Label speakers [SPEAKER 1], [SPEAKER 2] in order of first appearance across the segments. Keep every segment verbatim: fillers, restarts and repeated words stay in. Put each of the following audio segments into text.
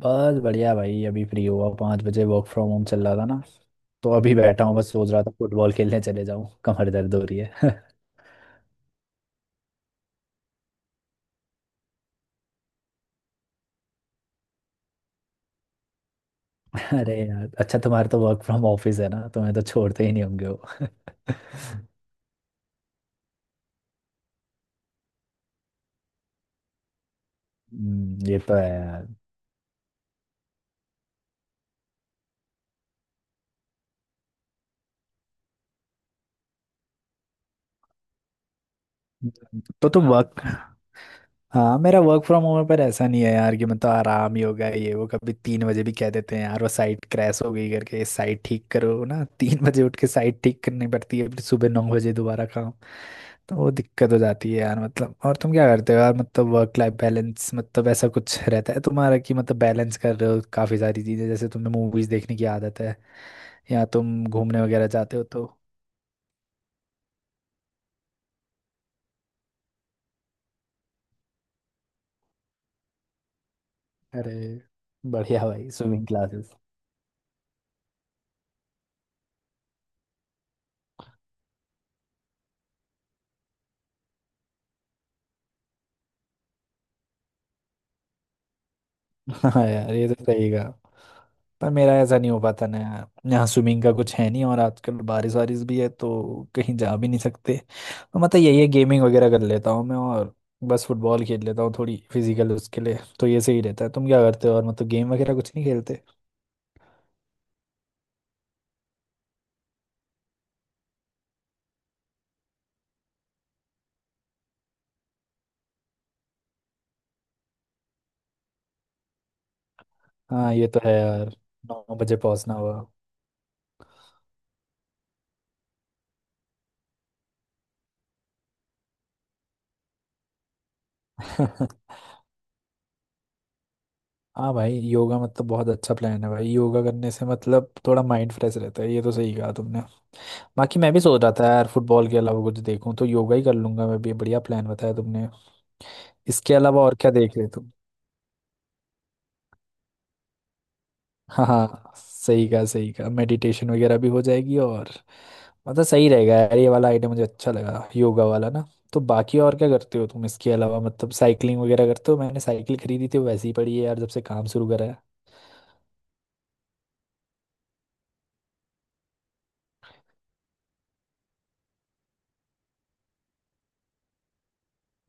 [SPEAKER 1] बस बढ़िया भाई। अभी फ्री हुआ। पाँच बजे वर्क फ्रॉम होम चल रहा था ना, तो अभी बैठा हूँ। बस सोच रहा था फुटबॉल खेलने चले जाऊँ, कमर दर्द हो रही है। अरे यार, अच्छा तुम्हारे तो वर्क फ्रॉम ऑफिस है ना, तुम्हें तो छोड़ते ही नहीं होंगे वो। हम्म, ये तो है यार। तो तुम वर्क। हाँ, मेरा वर्क फ्रॉम होम पर ऐसा नहीं है यार कि मतलब आराम ही होगा। ये वो कभी तीन बजे भी कह देते हैं यार, वो साइट क्रैश हो गई करके, साइट ठीक करो ना। तीन बजे उठ के साइट ठीक करनी पड़ती है, फिर सुबह नौ बजे दोबारा काम। तो वो दिक्कत हो जाती है यार मतलब। और तुम क्या करते हो यार मतलब वर्क लाइफ बैलेंस, मतलब ऐसा कुछ रहता है तुम्हारा कि मतलब बैलेंस कर रहे हो काफी सारी चीजें, जैसे तुम्हें मूवीज देखने की आदत है या तुम घूमने वगैरह जाते हो तो? अरे बढ़िया भाई, स्विमिंग क्लासेस। हाँ यार, ये तो सही कहा। पर मेरा ऐसा नहीं हो पाता ना यार। यहाँ स्विमिंग का कुछ है नहीं, और आजकल बारिश वारिश भी है तो कहीं जा भी नहीं सकते। तो मतलब यही है, गेमिंग वगैरह कर लेता हूँ मैं, और बस फुटबॉल खेल लेता हूँ थोड़ी फिजिकल, उसके लिए तो ये सही रहता है। तुम क्या करते हो और मतलब गेम वगैरह कुछ नहीं खेलते? हाँ, ये तो है यार। नौ बजे पहुंचना हुआ। हाँ भाई, योगा मतलब बहुत अच्छा प्लान है भाई। योगा करने से मतलब थोड़ा माइंड फ्रेश रहता है, ये तो सही कहा तुमने। बाकी मैं भी सोच रहा था यार, फुटबॉल के अलावा कुछ देखूं तो योगा ही कर लूंगा मैं भी। बढ़िया प्लान बताया तुमने। इसके अलावा और क्या देख रहे तुम? हाँ हाँ, सही कहा सही कहा, मेडिटेशन वगैरह भी हो जाएगी, और मतलब सही रहेगा यार। ये वाला आइडिया मुझे अच्छा लगा, योगा वाला ना। तो बाकी और क्या करते हो तुम इसके अलावा, मतलब साइकिलिंग वगैरह करते हो? मैंने साइकिल खरीदी थी, वो वैसे ही पड़ी है यार जब से काम शुरू करा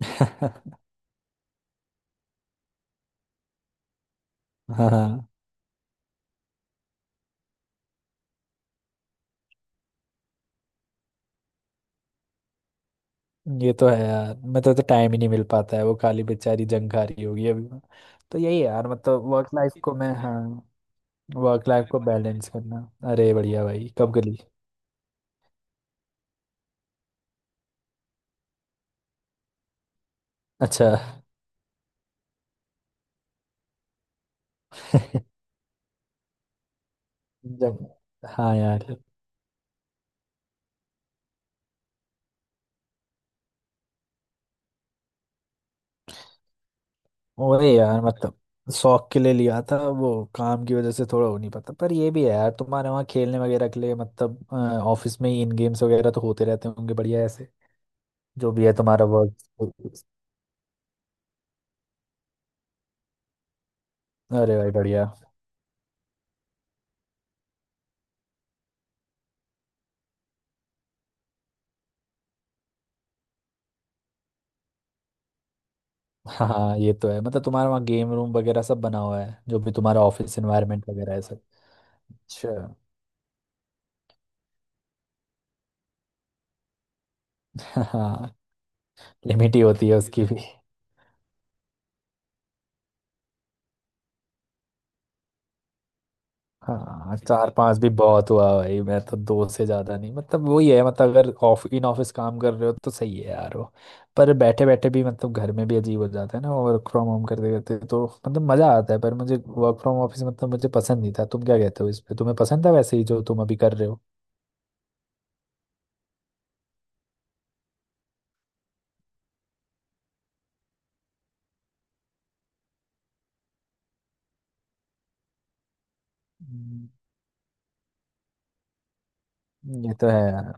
[SPEAKER 1] है। हाँ ये तो है यार मतलब। तो टाइम ही नहीं मिल पाता है। वो काली बेचारी जंग खा रही होगी अभी। तो यही है यार मतलब। वर्क लाइफ को मैं, हाँ, वर्क लाइफ को बैलेंस करना। अरे बढ़िया भाई, कब गली। अच्छा। जब, हाँ यार। वही यार, मतलब शौक के लिए लिया था वो, काम की वजह से थोड़ा हो नहीं पाता। पर ये भी है यार, तुम्हारे वहाँ खेलने वगैरह के लिए मतलब अ, ऑफिस में ही इन गेम्स वगैरह तो होते रहते होंगे। बढ़िया, ऐसे जो भी है तुम्हारा वर्क। अरे भाई बढ़िया। हाँ ये तो है, मतलब तुम्हारे वहाँ गेम रूम वगैरह सब बना हुआ है, जो भी तुम्हारा ऑफिस एनवायरनमेंट वगैरह है सब। अच्छा। हाँ, लिमिट ही होती है उसकी भी। हाँ, चार पांच भी बहुत हुआ भाई। मैं तो दो से ज्यादा नहीं, मतलब वही है। मतलब अगर ऑफ इन ऑफिस काम कर रहे हो तो सही है यार वो, पर बैठे बैठे भी मतलब घर में भी अजीब हो जाता है ना, वर्क फ्रॉम होम करते करते, तो मतलब मजा आता है। पर मुझे वर्क फ्रॉम ऑफिस, मतलब मुझे पसंद नहीं था। तुम क्या कहते हो इस पे, तुम्हें पसंद था वैसे ही जो तुम अभी कर रहे हो? हम्म, ये तो है यार।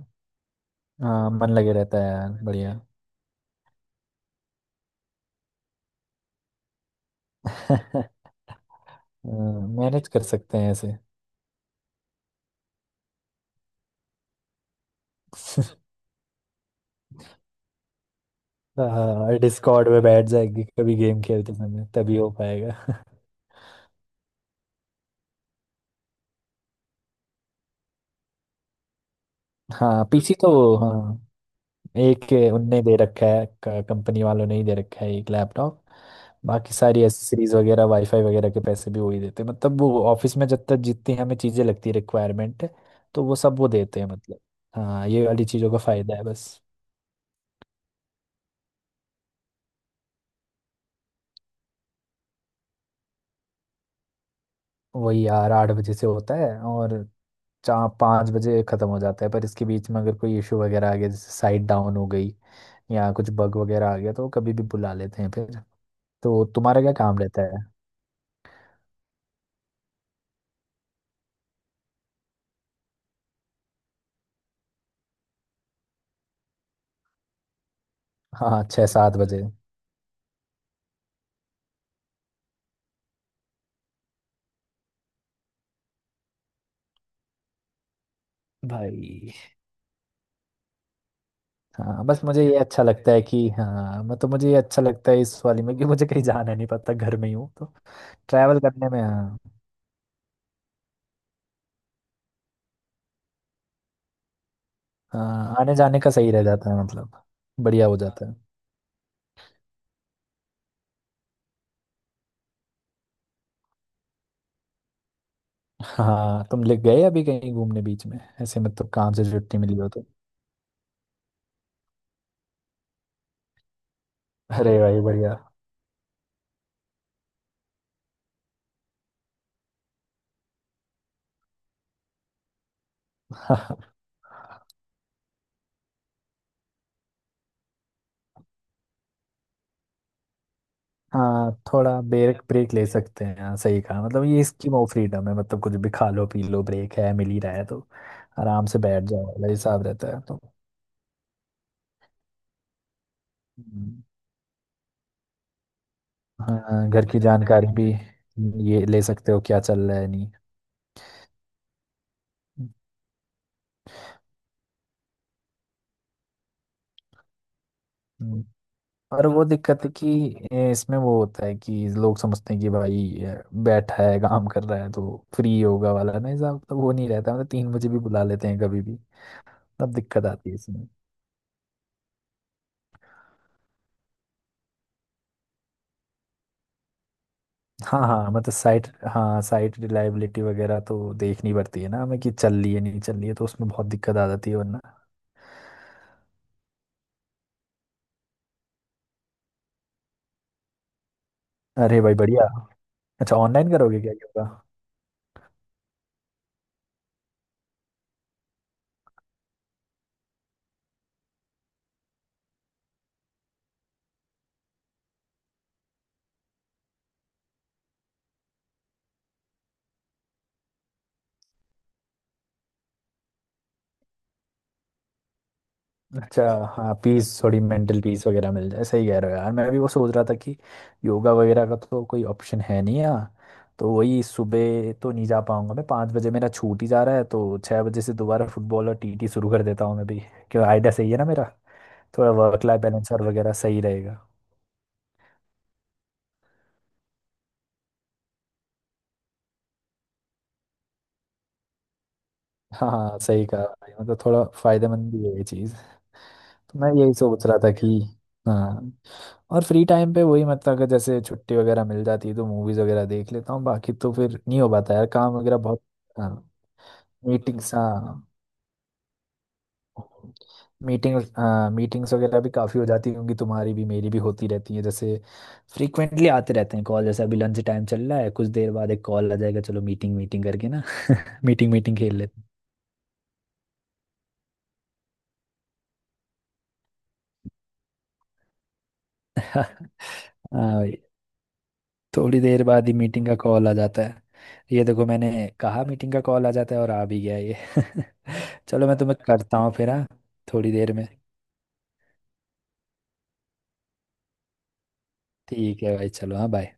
[SPEAKER 1] हाँ, मन लगे रहता है यार, बढ़िया। मैनेज कर सकते हैं ऐसे। हाँ, डिस्कॉर्ड में बैठ जाएगी कभी गेम खेलते समय, तभी हो पाएगा। हाँ, पीसी तो हाँ, एक ए, उनने दे रखा है। कंपनी वालों ने ही दे रखा है एक लैपटॉप, बाकी सारी एसेसरीज वगैरह, वाईफाई वगैरह के पैसे भी वही देते हैं। मतलब वो ऑफिस में जब तक जितनी हमें चीजें लगती है, रिक्वायरमेंट, तो वो सब वो देते हैं मतलब। हाँ, ये वाली चीजों का फायदा है बस। वही यार, आठ बजे से होता है, और चार पाँच बजे खत्म हो जाता है। पर इसके बीच में अगर कोई इशू वगैरह आ गया, जैसे साइट डाउन हो गई या कुछ बग वगैरह आ गया, तो वो कभी भी बुला लेते हैं फिर। तो तुम्हारा क्या काम रहता है? हाँ छः सात बजे। भाई, हाँ, बस मुझे ये अच्छा लगता है कि, हाँ मतलब मुझे ये अच्छा लगता है इस वाली में कि मुझे कहीं जाना नहीं पड़ता, घर में ही हूँ तो ट्रैवल करने में, हाँ। हाँ, आने जाने का सही रह जाता है मतलब, बढ़िया हो जाता है। हाँ, तुम लिख गए अभी कहीं घूमने बीच में ऐसे, मतलब काम से छुट्टी मिली हो तो? अरे भाई, बढ़िया। हाँ, थोड़ा ब्रेक ब्रेक ले सकते हैं, हाँ सही कहा। मतलब ये स्कीम ऑफ फ्रीडम है, मतलब कुछ भी खा लो पी लो, ब्रेक है, मिल ही रहा है तो आराम से बैठ जाओ वाला हिसाब रहता है। तो हाँ, घर की जानकारी भी ये ले सकते हो, क्या चल रहा है नहीं। हम्म, और वो दिक्कत है कि, ए, इसमें वो होता है कि लोग समझते हैं कि भाई ए, बैठा है, काम कर रहा है तो फ्री होगा वाला ना हिसाब, तो वो नहीं रहता। मतलब तीन बजे भी बुला लेते हैं कभी भी, तब दिक्कत आती है इसमें। हाँ हाँ, मतलब साइट, हाँ साइट रिलायबिलिटी वगैरह तो देखनी पड़ती है ना हमें, कि चल रही है नहीं चल रही है, तो उसमें बहुत दिक्कत आ जाती है वरना। अरे भाई, बढ़िया। अच्छा, ऑनलाइन करोगे क्या योगा? अच्छा। हाँ, पीस, थोड़ी मेंटल पीस वगैरह मिल जाए। सही कह रहे हो यार। मैं भी वो सोच रहा था कि योगा वगैरह का तो कोई ऑप्शन है नहीं यहाँ। तो वही, सुबह तो नहीं जा पाऊंगा मैं। पाँच बजे मेरा छूट ही जा रहा है, तो छः बजे से दोबारा फुटबॉल और टीटी शुरू कर देता हूँ मैं भी। क्यों, आइडिया सही है ना मेरा? थोड़ा वर्क लाइफ बैलेंस और वगैरह सही रहेगा। हाँ हाँ, सही कहा भाई। मतलब थोड़ा फायदेमंद भी है ये चीज़। तो मैं यही सोच रहा था कि, हाँ, और फ्री टाइम पे वही, मतलब अगर जैसे छुट्टी वगैरह मिल जाती है तो मूवीज वगैरह देख लेता हूँ, बाकी तो फिर नहीं हो पाता यार, काम वगैरह बहुत। हाँ, मीटिंग्स, हाँ, मीटिंग, मीटिंग्स वगैरह भी काफ़ी हो जाती होंगी तुम्हारी भी, मेरी भी होती रहती है। जैसे फ्रीक्वेंटली आते रहते हैं कॉल, जैसे अभी लंच टाइम चल रहा है, कुछ देर बाद एक कॉल आ जाएगा, चलो मीटिंग मीटिंग करके ना। मीटिंग मीटिंग खेल लेते हैं। हाँ भाई, थोड़ी देर बाद ही मीटिंग का कॉल आ जाता है। ये देखो, मैंने कहा मीटिंग का कॉल आ जाता है, और आ भी गया ये। चलो मैं तुम्हें करता हूँ फिर, हाँ, थोड़ी देर में। ठीक है भाई, चलो हाँ, बाय।